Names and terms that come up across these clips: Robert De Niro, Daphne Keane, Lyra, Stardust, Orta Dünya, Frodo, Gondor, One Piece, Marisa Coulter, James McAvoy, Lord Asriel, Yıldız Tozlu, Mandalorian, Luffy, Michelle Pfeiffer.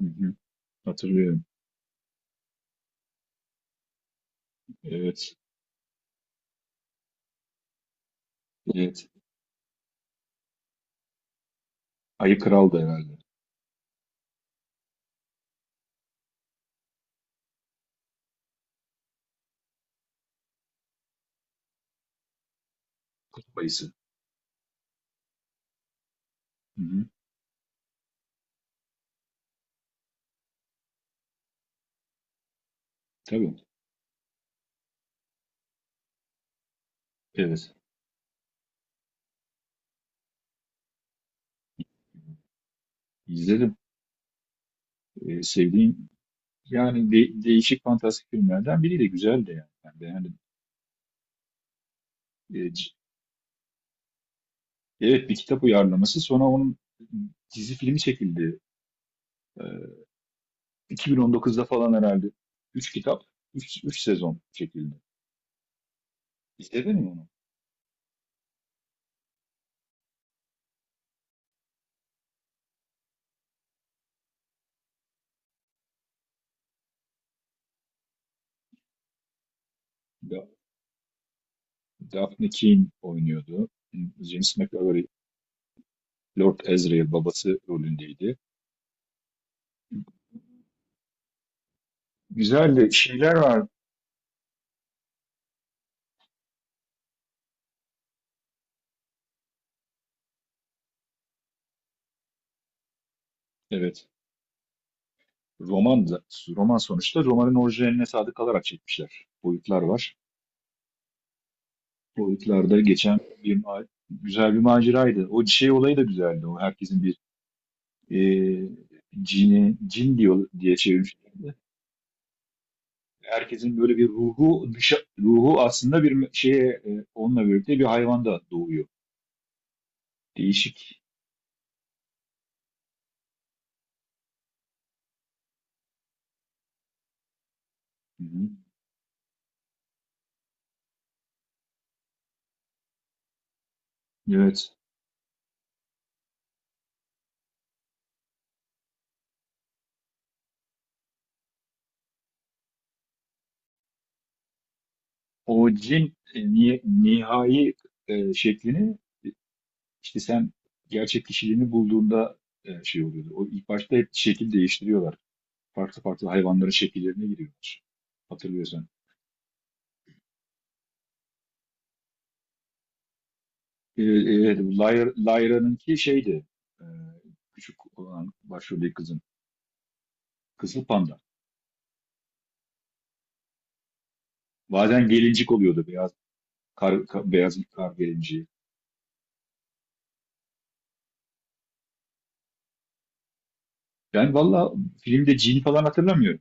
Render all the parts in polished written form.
Hı hı. Hatırlıyorum. Evet. Evet. Ayı Kral'dı herhalde. Kutup ayısı. Hı hı. Tabii. Evet. İzledim. Sevdiğim yani değişik fantastik filmlerden biri de güzeldi yani. Ben beğendim. Ee, c- evet, bir kitap uyarlaması. Sonra onun dizi filmi çekildi. Ee, 2019'da falan herhalde. Üç kitap, üç sezon çekildi. İzledin mi onu? Da Daphne Keane oynuyordu. James McAvoy Lord Asriel babası rolündeydi. Güzel de şeyler var. Evet. Roman da, Roman sonuçta romanın orijinaline sadık kalarak çekmişler. Boyutlar var. Boyutlarda geçen güzel bir maceraydı. O şey olayı da güzeldi. O herkesin bir e, cin diyor diye çevirmişlerdi. Herkesin böyle bir ruhu aslında bir me- şeye e, onunla birlikte bir hayvanda doğuyor. Değişik. Hı hı. Evet. O cin nihai şeklini, İşte sen gerçek kişiliğini bulduğunda şey oluyordu. O ilk başta hep şekil değiştiriyorlar. Farklı farklı hayvanların şekillerine giriyorlar. Hatırlıyorsan. E, e, Lyra'nınki şeydi. e, Küçük olan başroldeki kızın. Kızıl panda. Bazen gelincik oluyordu. Beyaz kar gelinciği. Ben valla filmde cin falan hatırlamıyorum.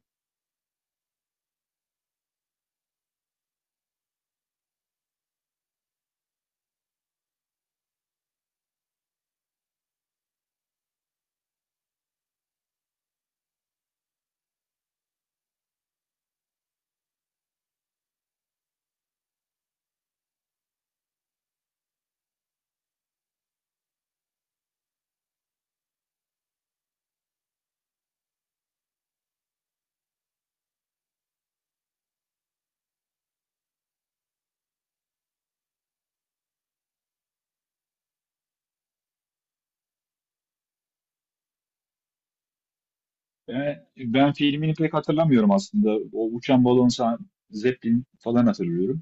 Ben filmini pek hatırlamıyorum aslında. O uçan balon sahn- Zeppelin falan hatırlıyorum.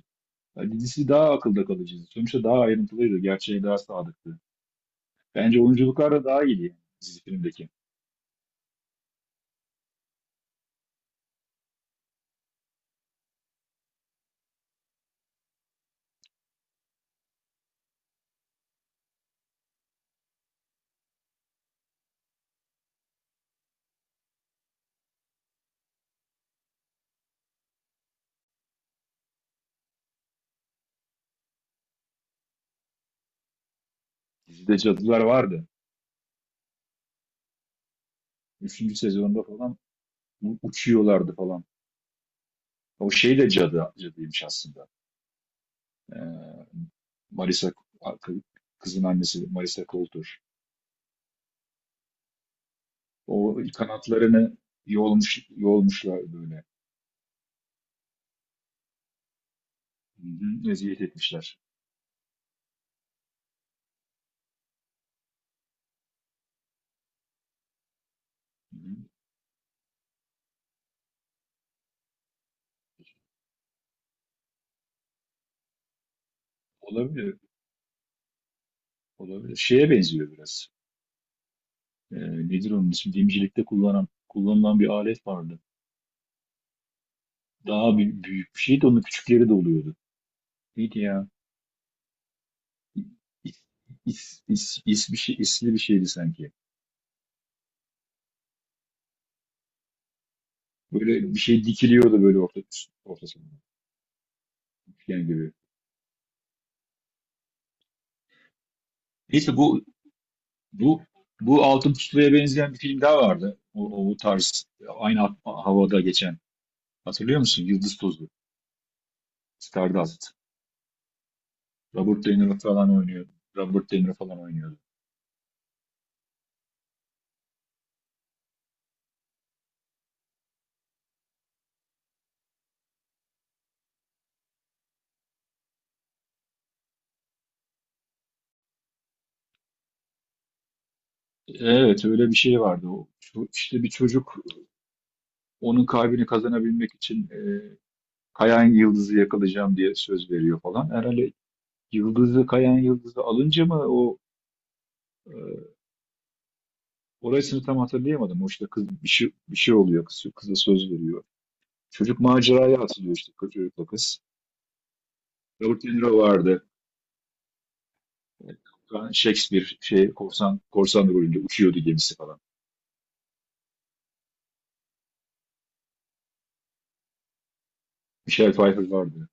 Ya dizisi daha akılda kalıcıydı. Sonuçta daha ayrıntılıydı. Gerçeğe daha sadıktı. Bence oyunculuklar da daha iyiydi yani dizi filmdeki. Dizide cadılar vardı. Üçüncü sezonda falan uçuyorlardı falan. O şey de cadıymış aslında. Ee, Marisa, kızın annesi Marisa Coulter. O kanatlarını yolmuşlar böyle. Hı hı, eziyet etmişler. Hı hı. Olabilir. Olabilir, şeye benziyor biraz. Ee, Nedir onun ismi? Dimcilikte kullanılan bir alet vardı. Daha büyük bir şeydi. Onun küçükleri de oluyordu. Neydi ya? İsli bir şeydi sanki. Böyle bir şey dikiliyordu böyle ortasında. Üçgen gibi. Neyse bu bu Altın Pustula'ya benzeyen bir film daha vardı. O tarz, aynı havada geçen. Hatırlıyor musun? Yıldız Tozlu. Stardust. Robert De Niro falan oynuyordu. Robert De Niro falan oynuyordu. Evet, öyle bir şey vardı. İşte bir çocuk onun kalbini kazanabilmek için Kayan Yıldız'ı yakalayacağım diye söz veriyor falan. Herhalde Kayan Yıldız'ı alınca mı o e, orasını tam hatırlayamadım. O işte bir şey oluyor, kıza söz veriyor. Çocuk maceraya atılıyor, işte çocukla kız. Robert De Niro vardı. Ben Shakespeare şey korsan rolünde uçuyordu gemisi falan. Michelle Pfeiffer vardı.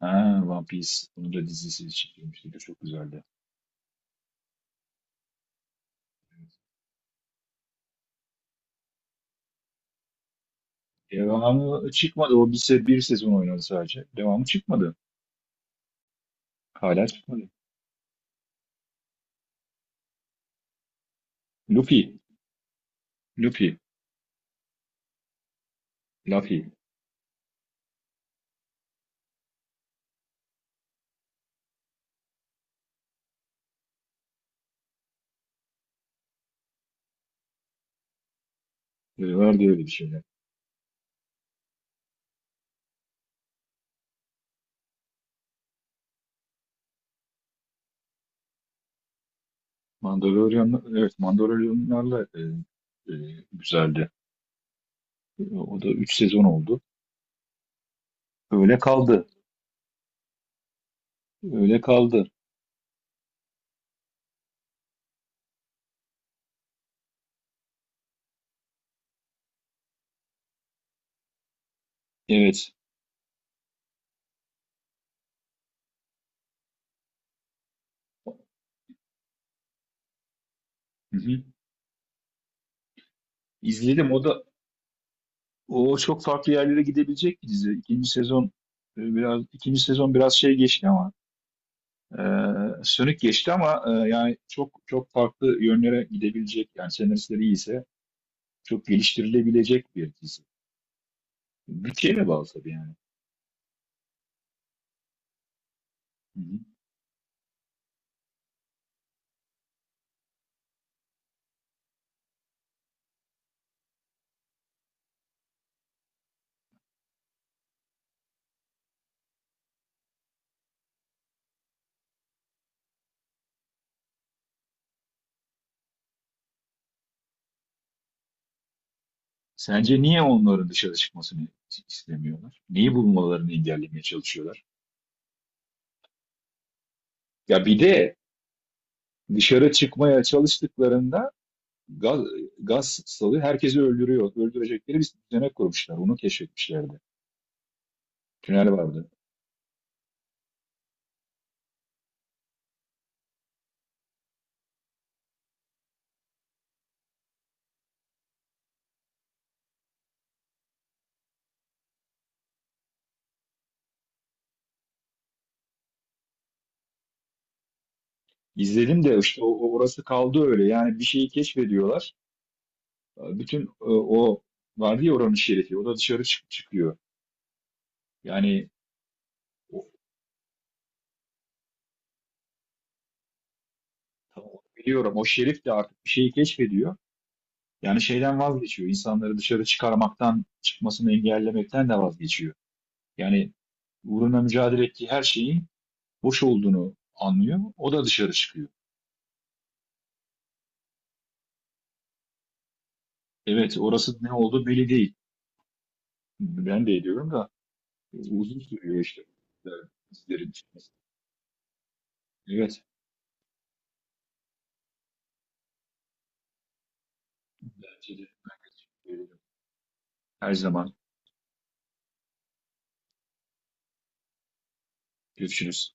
Ha, One Piece. Bunun da dizisi çekilmişti. Bu çok güzeldi. Devamı çıkmadı. O bir, se Bir sezon oynadı sadece. Devamı çıkmadı. Hala çıkmadı. Luffy. Luffy, Luffy var diye bir şey. Mandalorian, evet Mandalorianlarla e, güzeldi. O da 3 sezon oldu. Öyle kaldı. Öyle kaldı. Evet. Hı hı. İzledim. O çok farklı yerlere gidebilecek bir dizi. İkinci sezon e, biraz ikinci sezon biraz şey geçti ama e, sönük geçti ama yani çok çok farklı yönlere gidebilecek, yani senaristleri iyiyse çok geliştirilebilecek bir dizi. Bütçeye de bağlı tabii yani. Sence niye onların dışarı çıkmasını istemiyorlar? Neyi bulmalarını engellemeye çalışıyorlar? Ya bir de dışarı çıkmaya çalıştıklarında gaz, gaz salı herkesi öldürüyor. Öldürecekleri bir düzenek kurmuşlar. Onu keşfetmişlerdi. Tünel vardı. İzledim de işte orası kaldı öyle. Yani bir şeyi keşfediyorlar. Bütün o vardı ya, oranın şerifi. O da dışarı çıkıyor. Yani o, tamam, biliyorum, o şerif de artık bir şeyi keşfediyor. Yani şeyden vazgeçiyor. İnsanları dışarı çıkarmaktan, çıkmasını engellemekten de vazgeçiyor. Yani uğruna mücadele ettiği her şeyin boş olduğunu anlıyor. O da dışarı çıkıyor. Evet, orası ne oldu belli değil. Ben de ediyorum da uzun sürüyor işte, bu çıkması. Evet, bence de. Her zaman görüşürüz.